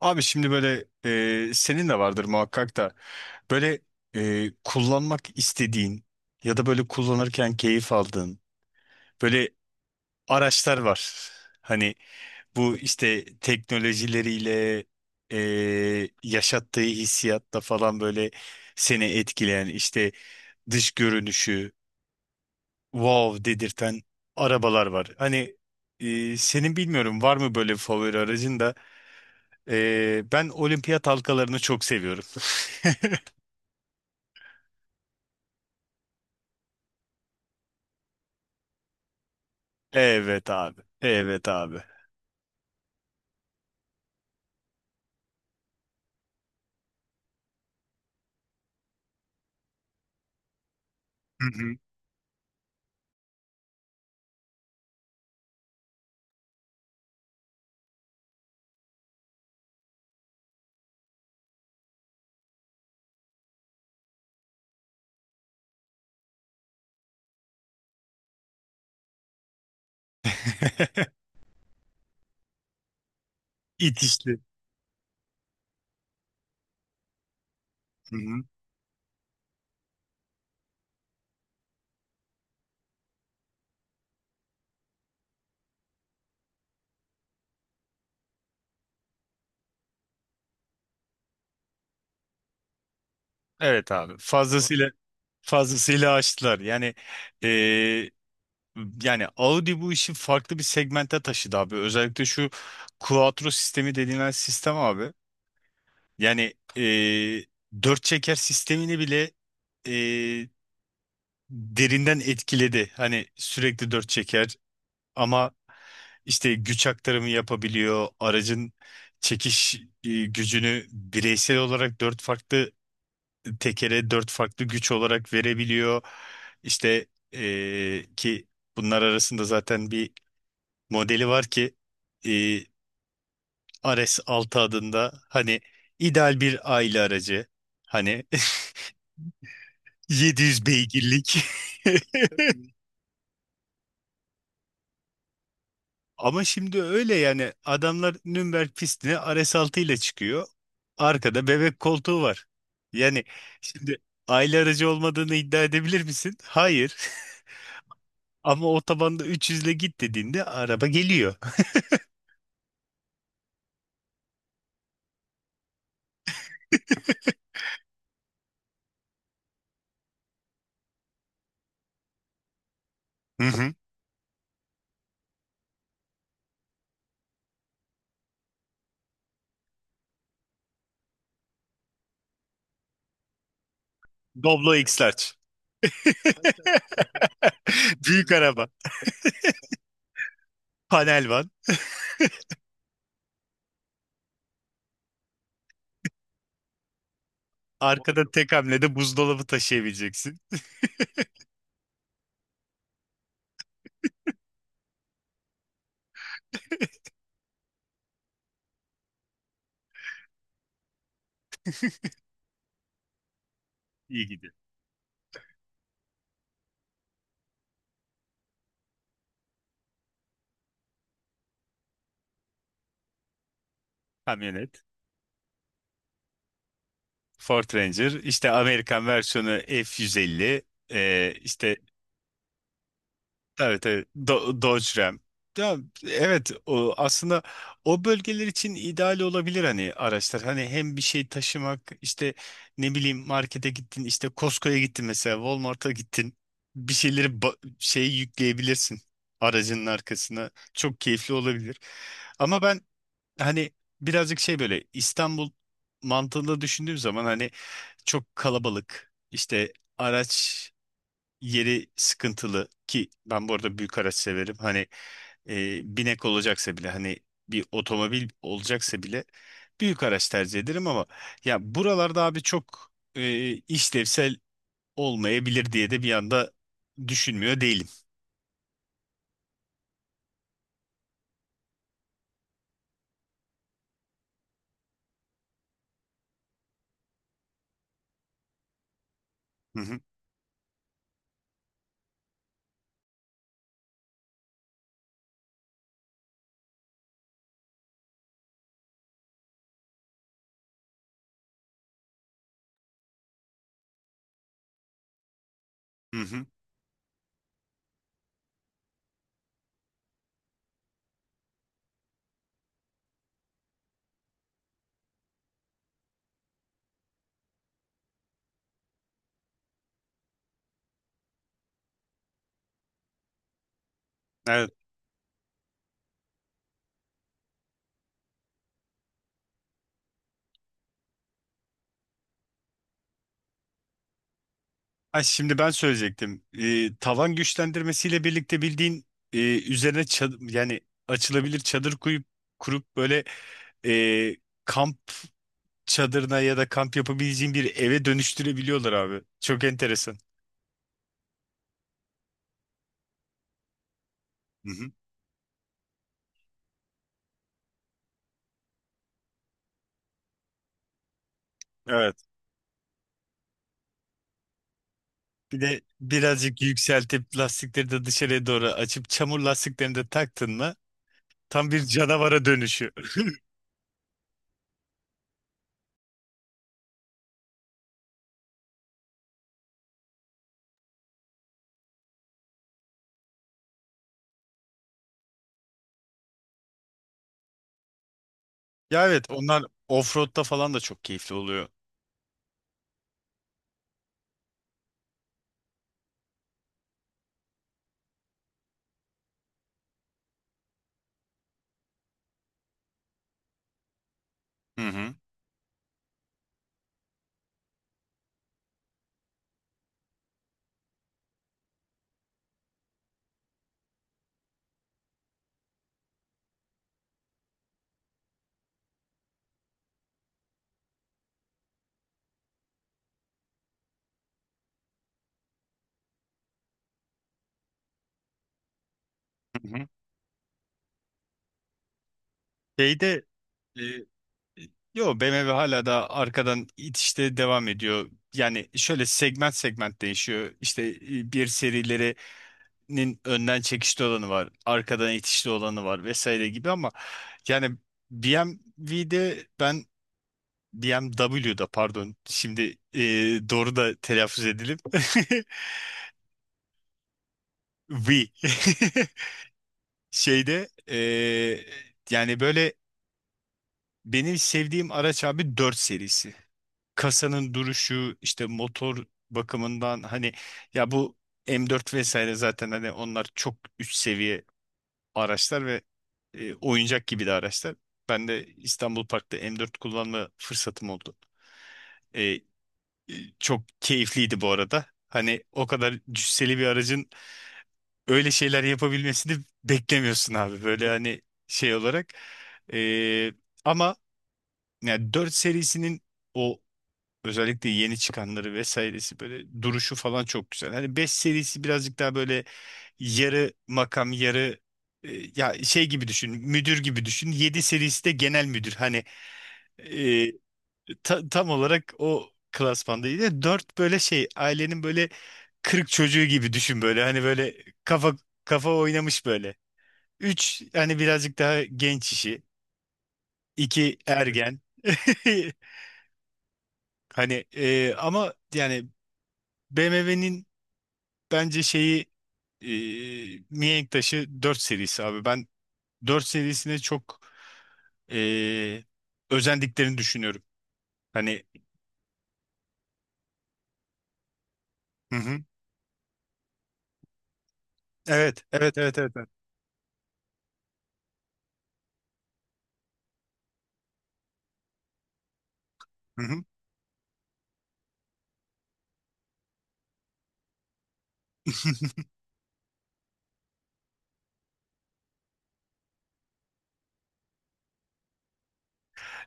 Abi şimdi böyle, senin de vardır muhakkak da böyle, kullanmak istediğin ya da böyle kullanırken keyif aldığın böyle araçlar var. Hani bu işte teknolojileriyle, e, yaşattığı hissiyatta falan böyle seni etkileyen, işte dış görünüşü wow dedirten arabalar var. Hani senin bilmiyorum var mı böyle favori aracın da. Ben olimpiyat halkalarını çok seviyorum. Evet abi. Evet abi. Hı hı. İtişli. Hı hı. Evet abi. Fazlasıyla fazlasıyla açtılar. E, yani Audi bu işi farklı bir segmente taşıdı abi. Özellikle şu Quattro sistemi denilen sistem abi. Yani dört çeker sistemini bile e, derinden etkiledi. Hani sürekli dört çeker, ama işte güç aktarımı yapabiliyor. Aracın çekiş gücünü bireysel olarak dört farklı tekere dört farklı güç olarak verebiliyor. İşte, ki bunlar arasında zaten bir modeli var ki, e, RS6 adında, hani ideal bir aile aracı, hani. 700 beygirlik. Ama şimdi öyle, yani adamlar Nürnberg pistine RS6 ile çıkıyor. Arkada bebek koltuğu var. Yani şimdi aile aracı olmadığını iddia edebilir misin? Hayır. Ama otobanda 300 ile git dediğinde araba geliyor. Hı hı. Doblo X-Large. Büyük araba. Panel van. Arkada tek hamlede buzdolabı taşıyabileceksin. İyi gidiyor. Kamyonet. Ford Ranger. İşte Amerikan versiyonu F-150. İşte Tabii tabii. Dodge Ram. Ya, evet o aslında o bölgeler için ideal olabilir, hani araçlar. Hani hem bir şey taşımak, işte ne bileyim markete gittin, işte Costco'ya gittin, mesela Walmart'a gittin. Bir şeyleri şey yükleyebilirsin aracının arkasına. Çok keyifli olabilir. Ama ben, hani birazcık şey, böyle İstanbul mantığında düşündüğüm zaman, hani çok kalabalık, işte araç yeri sıkıntılı, ki ben bu arada büyük araç severim. Hani binek olacaksa bile, hani bir otomobil olacaksa bile büyük araç tercih ederim, ama ya buralarda abi çok işlevsel olmayabilir diye de bir anda düşünmüyor değilim. Hı hı, hı hı. Evet. Ha, şimdi ben söyleyecektim. Tavan güçlendirmesiyle birlikte bildiğin, e, üzerine yani açılabilir çadır kurup böyle, e, kamp çadırına ya da kamp yapabileceğin bir eve dönüştürebiliyorlar abi. Çok enteresan. Hı hı. Evet. Bir de birazcık yükseltip, lastikleri de dışarıya doğru açıp çamur lastiklerini de taktın mı, tam bir canavara dönüşüyor. Ya evet, onlar offroad'da falan da çok keyifli oluyor. Hı hı. Hı hı. Şeyde, e, yo BMW hala da arkadan itişte devam ediyor. Yani şöyle, segment segment değişiyor. İşte bir serileri nin önden çekişli olanı var, arkadan itişli olanı var vesaire gibi, ama yani BMW'de ben, BMW'da pardon, şimdi e, doğru da telaffuz edelim. V. Şeyde, yani böyle benim sevdiğim araç abi 4 serisi. Kasanın duruşu, işte motor bakımından, hani ya bu M4 vesaire, zaten hani onlar çok üst seviye araçlar ve oyuncak gibi de araçlar. Ben de İstanbul Park'ta M4 kullanma fırsatım oldu. E, e, Çok keyifliydi bu arada. Hani o kadar cüsseli bir aracın öyle şeyler yapabilmesini beklemiyorsun abi. Böyle, hani şey olarak. E, Ama yani 4 serisinin o, özellikle yeni çıkanları vesairesi böyle duruşu falan çok güzel. Hani 5 serisi birazcık daha böyle yarı makam yarı, e, ya şey gibi düşün, müdür gibi düşün. 7 serisi de genel müdür. Hani e, tam olarak o klasmandaydı. Dört, böyle şey ailenin böyle kırık çocuğu gibi düşün böyle. Hani böyle kafa kafa oynamış böyle. Üç, hani birazcık daha genç işi. 2 ergen. Hani, ama yani BMW'nin, bence şeyi, e, mihenk taşı 4 serisi abi. Ben 4 serisine çok e, özendiklerini düşünüyorum. Hani, hı hı. Evet, evet, evet, evet. Evet. Hı hı.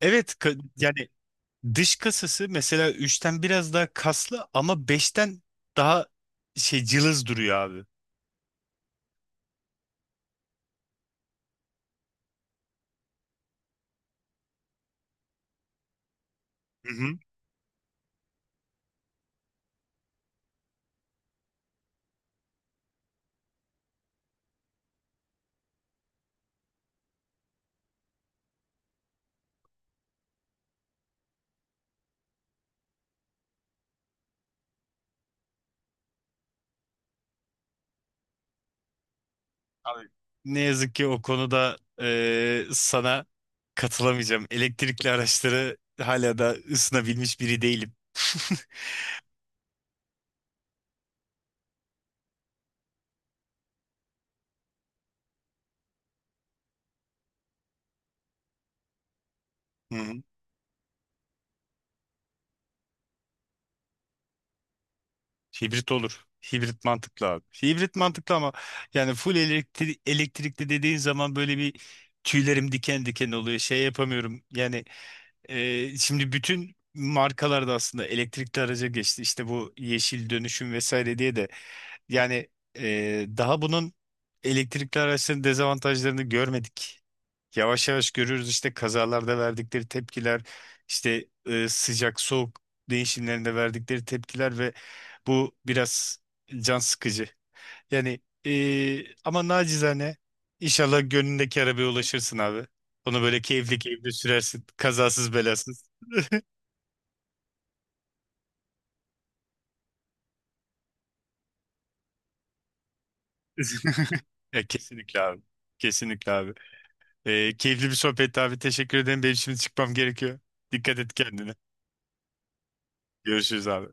Evet, yani dış kasası mesela üçten biraz daha kaslı, ama beşten daha şey cılız duruyor abi. Hı hı. Abi, ne yazık ki o konuda sana katılamayacağım. Elektrikli araçları hala da ısınabilmiş biri değilim. Hibrit olur. Hibrit mantıklı abi. Hibrit mantıklı, ama yani full elektrikli dediğin zaman böyle bir, tüylerim diken diken oluyor. Şey yapamıyorum. Yani şimdi bütün markalarda aslında elektrikli araca geçti. İşte bu yeşil dönüşüm vesaire diye de, yani, daha bunun, elektrikli araçların dezavantajlarını görmedik. Yavaş yavaş görüyoruz, işte kazalarda verdikleri tepkiler, işte sıcak soğuk değişimlerinde verdikleri tepkiler, ve bu biraz can sıkıcı. Yani, ama nacizane inşallah gönlündeki arabaya ulaşırsın abi. Onu böyle keyifli keyifli sürersin. Kazasız belasız. Kesinlikle abi. Kesinlikle abi. Keyifli bir sohbetti abi. Teşekkür ederim. Benim şimdi çıkmam gerekiyor. Dikkat et kendine. Görüşürüz abi.